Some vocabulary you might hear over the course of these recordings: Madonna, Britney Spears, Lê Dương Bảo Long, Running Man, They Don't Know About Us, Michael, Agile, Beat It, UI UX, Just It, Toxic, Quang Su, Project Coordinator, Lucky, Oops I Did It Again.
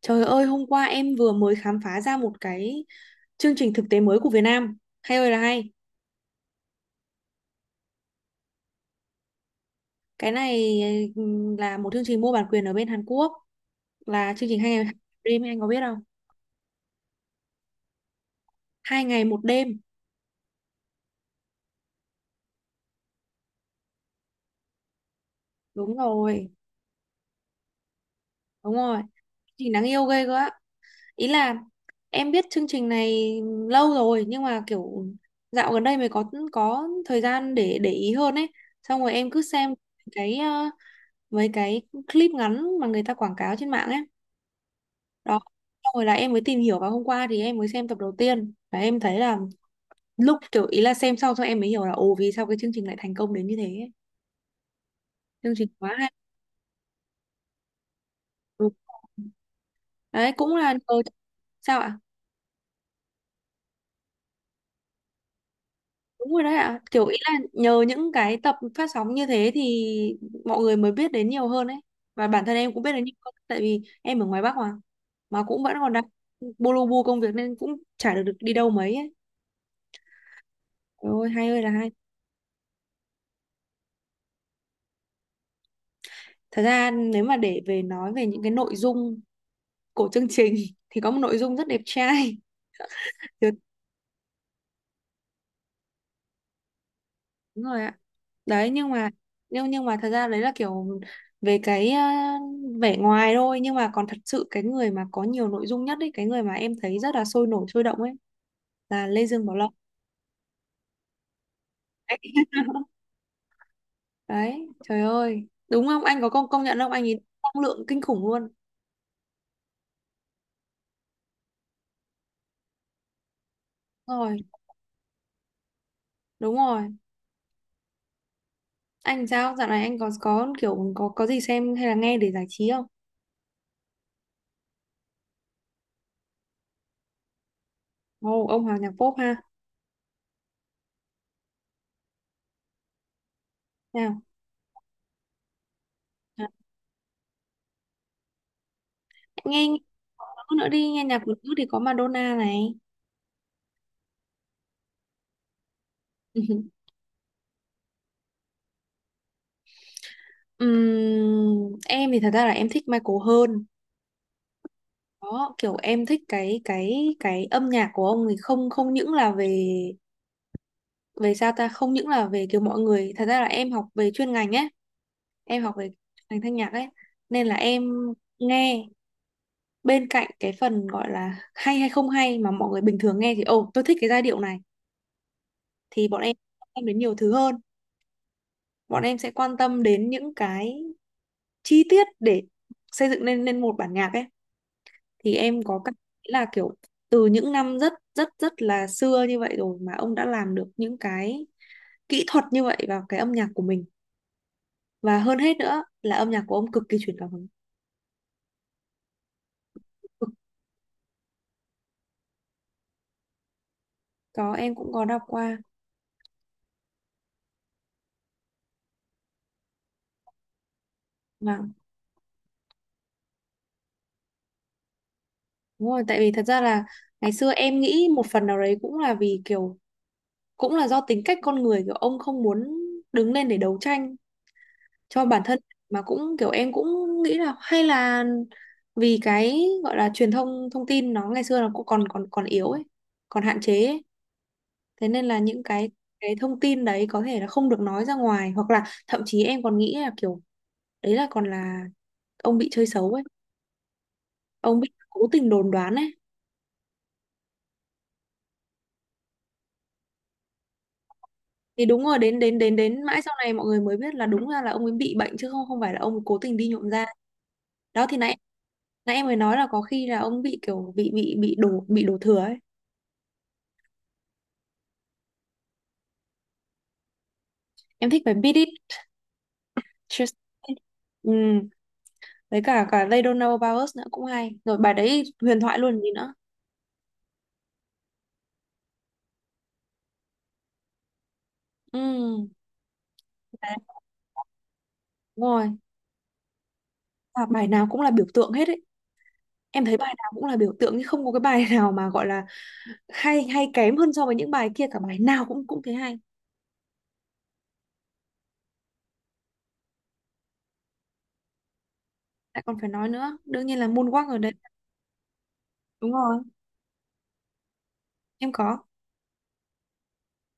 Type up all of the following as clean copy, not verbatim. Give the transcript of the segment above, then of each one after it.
Trời ơi, hôm qua em vừa mới khám phá ra một cái chương trình thực tế mới của Việt Nam. Hay ơi là hay. Cái này là một chương trình mua bản quyền ở bên Hàn Quốc. Là chương trình hai ngày một đêm, anh có biết không? Hai ngày một đêm. Đúng rồi, đúng rồi. Chương trình đáng yêu ghê cơ á. Ý là em biết chương trình này lâu rồi nhưng mà kiểu dạo gần đây mới có thời gian để ý hơn ấy. Xong rồi em cứ xem cái mấy cái clip ngắn mà người ta quảng cáo trên mạng ấy đó, xong rồi là em mới tìm hiểu và hôm qua thì em mới xem tập đầu tiên và em thấy là lúc kiểu ý là xem xong xong em mới hiểu là ồ vì sao cái chương trình lại thành công đến như thế ấy. Chương trình quá hay. Đúng. Ừ. Đấy cũng là nhờ sao ạ? Đúng rồi đấy ạ, kiểu ý là nhờ những cái tập phát sóng như thế thì mọi người mới biết đến nhiều hơn ấy, và bản thân em cũng biết đến nhiều hơn tại vì em ở ngoài Bắc mà cũng vẫn còn đang bô lô bô công việc nên cũng chả được, được đi đâu mấy ấy. Trời ơi hay ơi là hay. Thật ra nếu mà để về nói về những cái nội dung của chương trình thì có một nội dung rất đẹp trai. Dạ, đúng rồi ạ. Đấy nhưng mà nhưng mà thật ra đấy là kiểu về cái vẻ ngoài thôi nhưng mà còn thật sự cái người mà có nhiều nội dung nhất ấy, cái người mà em thấy rất là sôi nổi sôi động ấy là Lê Dương Bảo Long. Đấy, đấy, trời ơi đúng không anh có công công nhận không, anh ấy năng lượng kinh khủng luôn. Đúng rồi, đúng rồi. Anh sao dạo này anh có kiểu có gì xem hay là nghe để giải trí không? Ồ ông Hoàng nhạc pop ha. Nào. Nghe nghe nhạc nữ nữa đi, nghe nhạc của nữ thì có Madonna này. Em thì thật ra là em thích Michael hơn. Đó kiểu em thích cái âm nhạc của ông, thì không, không những là về về sao ta, không những là về kiểu mọi người, thật ra là em học về chuyên ngành ấy, em học về ngành thanh nhạc ấy nên là em nghe, bên cạnh cái phần gọi là hay hay không hay mà mọi người bình thường nghe thì ồ tôi thích cái giai điệu này, thì bọn em quan tâm đến nhiều thứ hơn, bọn em sẽ quan tâm đến những cái chi tiết để xây dựng nên nên một bản nhạc ấy. Thì em có cảm thấy là kiểu từ những năm rất rất rất là xưa như vậy rồi mà ông đã làm được những cái kỹ thuật như vậy vào cái âm nhạc của mình, và hơn hết nữa là âm nhạc của ông cực kỳ truyền cảm hứng. Cực. Có, em cũng có đọc qua. Và đúng rồi tại vì thật ra là ngày xưa em nghĩ một phần nào đấy cũng là vì kiểu cũng là do tính cách con người, kiểu ông không muốn đứng lên để đấu tranh cho bản thân. Mà cũng kiểu em cũng nghĩ là hay là vì cái gọi là truyền thông thông tin nó ngày xưa nó cũng còn còn còn yếu ấy, còn hạn chế ấy. Thế nên là những cái thông tin đấy có thể là không được nói ra ngoài hoặc là thậm chí em còn nghĩ là kiểu đấy là còn là ông bị chơi xấu ấy, ông bị cố tình đồn đoán ấy. Thì đúng rồi, đến đến đến đến mãi sau này mọi người mới biết là đúng ra là ông ấy bị bệnh chứ không, không phải là ông ấy cố tình đi nhuộm da. Đó thì nãy nãy em mới nói là có khi là ông bị kiểu bị bị đổ, bị đổ thừa ấy. Em thích bài Beat It, Just It. Ừ. Với cả cả They Don't Know About Us nữa cũng hay, rồi bài đấy huyền thoại luôn, gì nữa. Ừ. Đấy, đúng rồi. Và bài nào cũng là biểu tượng hết ấy, em thấy bài nào cũng là biểu tượng chứ không có cái bài nào mà gọi là hay hay kém hơn so với những bài kia cả, bài nào cũng cũng thế hay. Lại còn phải nói nữa, đương nhiên là moonwalk ở đấy. Đúng rồi, em có.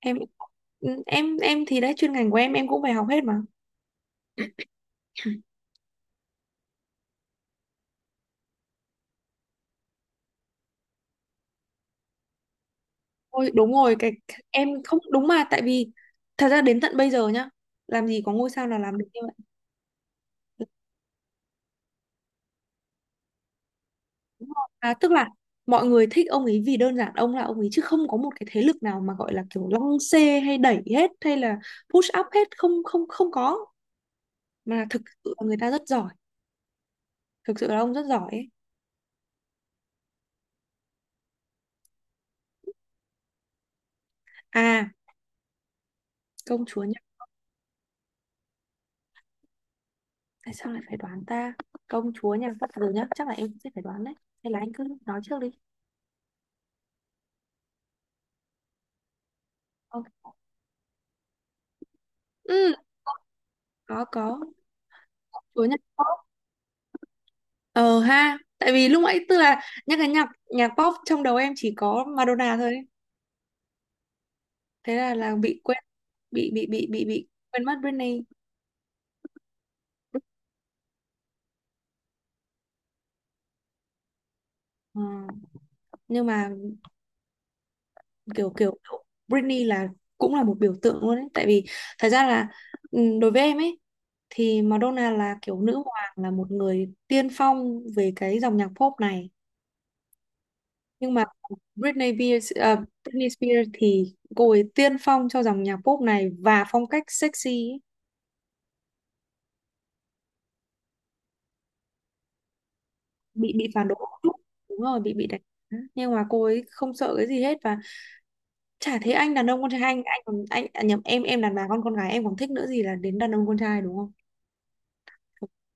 Em ừ, em thì đấy chuyên ngành của em cũng phải học hết mà. Ôi, đúng rồi cái em không đúng mà tại vì thật ra đến tận bây giờ nhá, làm gì có ngôi sao nào làm được như vậy. Đúng rồi. À, tức là mọi người thích ông ấy vì đơn giản ông là ông ấy chứ không có một cái thế lực nào mà gọi là kiểu lăng xê hay đẩy hết hay là push up hết, không không không có. Mà thực sự là người ta rất giỏi, thực sự là ông rất giỏi ấy. À, công chúa. Tại sao lại phải đoán ta? Công chúa nha, bắt đầu nhá, chắc là em cũng sẽ phải đoán đấy, hay là anh cứ nói trước đi. Ờ, ừ. Có có. Công chúa nhạc pop, ờ ha, tại vì lúc nãy tức là nhắc cái nhạc nhạc pop trong đầu em chỉ có Madonna thôi, thế là bị quên, bị quên mất Britney. Ờ, nhưng mà kiểu kiểu Britney là cũng là một biểu tượng luôn ấy, tại vì thật ra là ừ, đối với em ấy thì Madonna là kiểu nữ hoàng, là một người tiên phong về cái dòng nhạc pop này, nhưng mà Britney Spears, à, Britney Spears thì cô ấy tiên phong cho dòng nhạc pop này và phong cách sexy ấy. Bị phản đối một chút. Đúng rồi, bị đánh giá. Nhưng mà cô ấy không sợ cái gì hết, và chả thấy anh đàn ông con trai, anh còn anh à, nhầm, em đàn bà con gái em còn thích nữa gì là đến đàn ông con trai đúng không,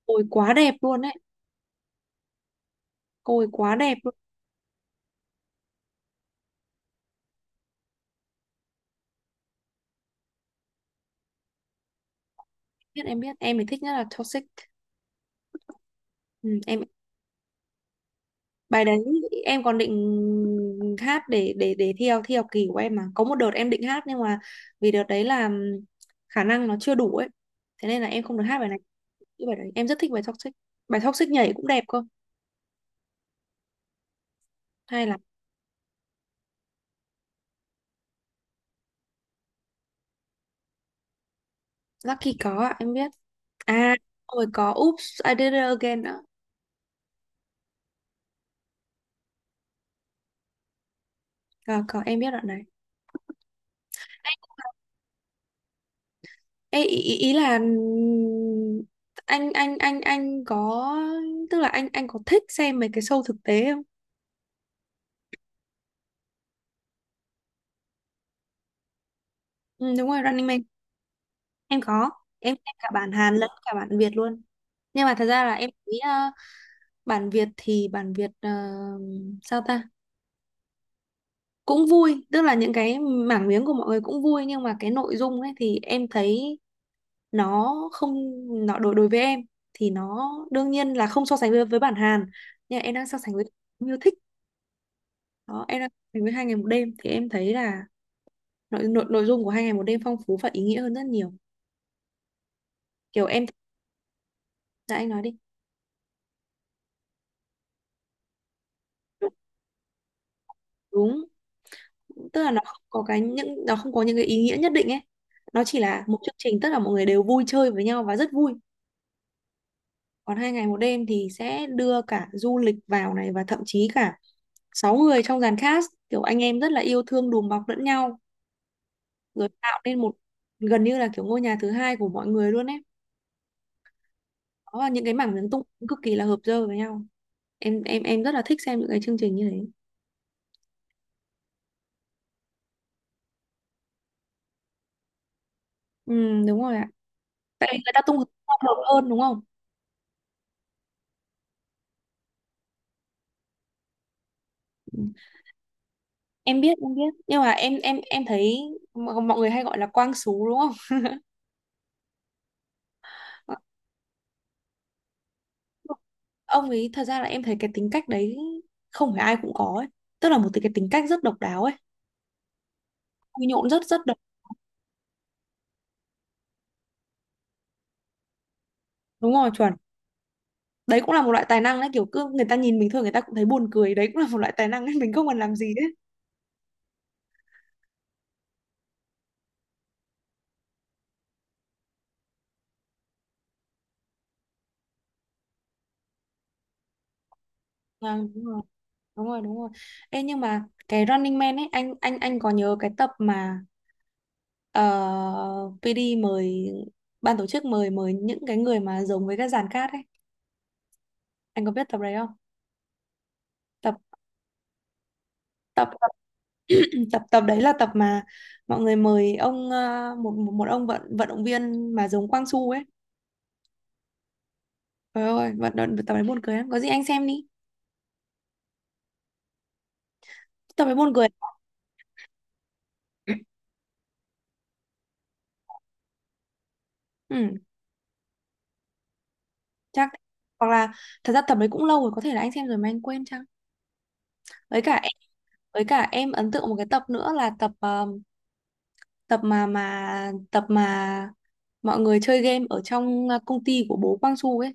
cô ấy quá đẹp luôn ấy, cô ấy quá đẹp luôn. Biết, em biết, em thì thích nhất là Toxic. Ừ, em, bài đấy em còn định hát để thi học, thi học kỳ của em mà, có một đợt em định hát nhưng mà vì đợt đấy là khả năng nó chưa đủ ấy, thế nên là em không được hát bài này. Cái bài đấy em rất thích, bài Toxic, bài Toxic nhảy cũng đẹp cơ. Hay là Lucky? Có ạ, em biết. À, rồi có Oops I Did It Again nữa. Có em biết đoạn này. Ê, ý, ý là anh có tức là anh có thích xem mấy cái show thực tế không? Ừ, đúng rồi Running Man. Em có, em xem cả bản Hàn lẫn cả bản Việt luôn. Nhưng mà thật ra là em thấy bản Việt thì bản Việt sao ta, cũng vui tức là những cái mảng miếng của mọi người cũng vui nhưng mà cái nội dung ấy thì em thấy nó không, nó đối đối với em thì nó đương nhiên là không so sánh với bản Hàn, nhưng mà em đang so sánh với yêu thích, đó em đang so sánh với hai ngày một đêm, thì em thấy là nội nội nội dung của hai ngày một đêm phong phú và ý nghĩa hơn rất nhiều. Kiểu em, dạ anh nói đi. Đúng, tức là nó không có cái những, nó không có những cái ý nghĩa nhất định ấy, nó chỉ là một chương trình tất cả mọi người đều vui chơi với nhau và rất vui. Còn hai ngày một đêm thì sẽ đưa cả du lịch vào này và thậm chí cả sáu người trong dàn cast kiểu anh em rất là yêu thương đùm bọc lẫn nhau, rồi tạo nên một gần như là kiểu ngôi nhà thứ hai của mọi người luôn ấy. Đó là những cái mảng miếng tung cực kỳ là hợp dơ với nhau. Em rất là thích xem những cái chương trình như thế. Ừ, đúng rồi ạ, tại vì người ta tung hợp hơn đúng không. Em biết, em biết nhưng mà em thấy mọi mọi người hay gọi là quang sú đúng không. Ông ấy thật ra là em thấy cái tính cách đấy không phải ai cũng có ấy, tức là một cái tính cách rất độc đáo ấy, vui nhộn rất rất độc. Đúng rồi chuẩn. Đấy cũng là một loại tài năng đấy, kiểu cứ người ta nhìn bình thường người ta cũng thấy buồn cười, đấy cũng là một loại tài năng ấy mình không cần làm gì đấy. À, đúng rồi, đúng rồi. Đúng rồi Ê, nhưng mà cái Running Man ấy anh có nhớ cái tập mà ờ, PD mời ban tổ chức mời mời những cái người mà giống với các dàn cát ấy, anh có biết tập đấy không? Tập tập tập tập tập đấy là tập mà mọi người mời ông một một ông vận vận động viên mà giống Quang Su ấy. Trời ơi, vận động tập đấy buồn cười lắm. Có gì anh xem đi. Tập đấy buồn cười. Ừ, chắc, hoặc là thật ra tập đấy cũng lâu rồi, có thể là anh xem rồi mà anh quên chăng? Với cả em, với cả em ấn tượng một cái tập nữa là tập tập mà mọi người chơi game ở trong công ty của bố Quang Su ấy.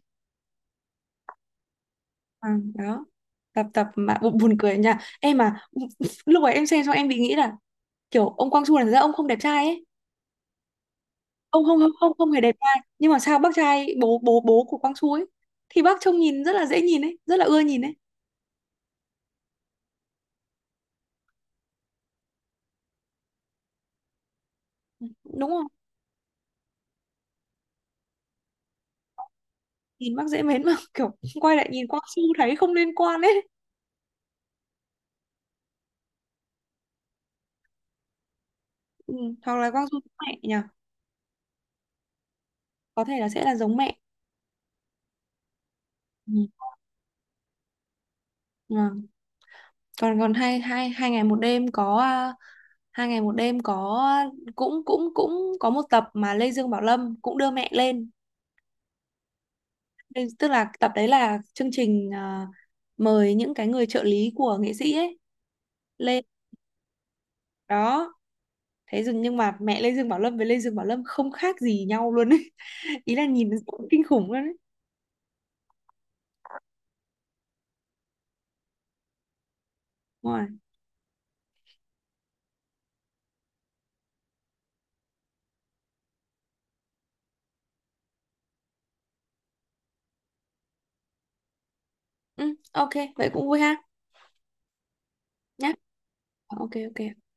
À, đó tập tập mà buồn cười nha em mà lúc ấy em xem xong em bị nghĩ là kiểu ông Quang Su là thật ra ông không đẹp trai ấy, ông không không không không hề đẹp trai nhưng mà sao bác trai bố bố bố của Quang Su ấy thì bác trông nhìn rất là dễ nhìn ấy, rất là ưa nhìn ấy, đúng không, nhìn bác dễ mến mà kiểu quay lại nhìn Quang Su thấy không liên quan ấy. Ừ. Hoặc là Quang Su giống mẹ nhỉ, có thể là sẽ là giống mẹ. Ừ. còn còn hai hai hai ngày một đêm có à, hai ngày một đêm có cũng cũng cũng có một tập mà Lê Dương Bảo Lâm cũng đưa mẹ lên. Đây- tức là tập đấy là chương trình à, mời những cái người trợ lý của nghệ sĩ ấy lên đó. Thế dừng nhưng mà mẹ Lê Dương Bảo Lâm với Lê Dương Bảo Lâm không khác gì nhau luôn ấy ý là nhìn kinh khủng luôn ấy. Đúng rồi. Ừ, ok vậy cũng vui ha. Nhá. Ờ, ok ok.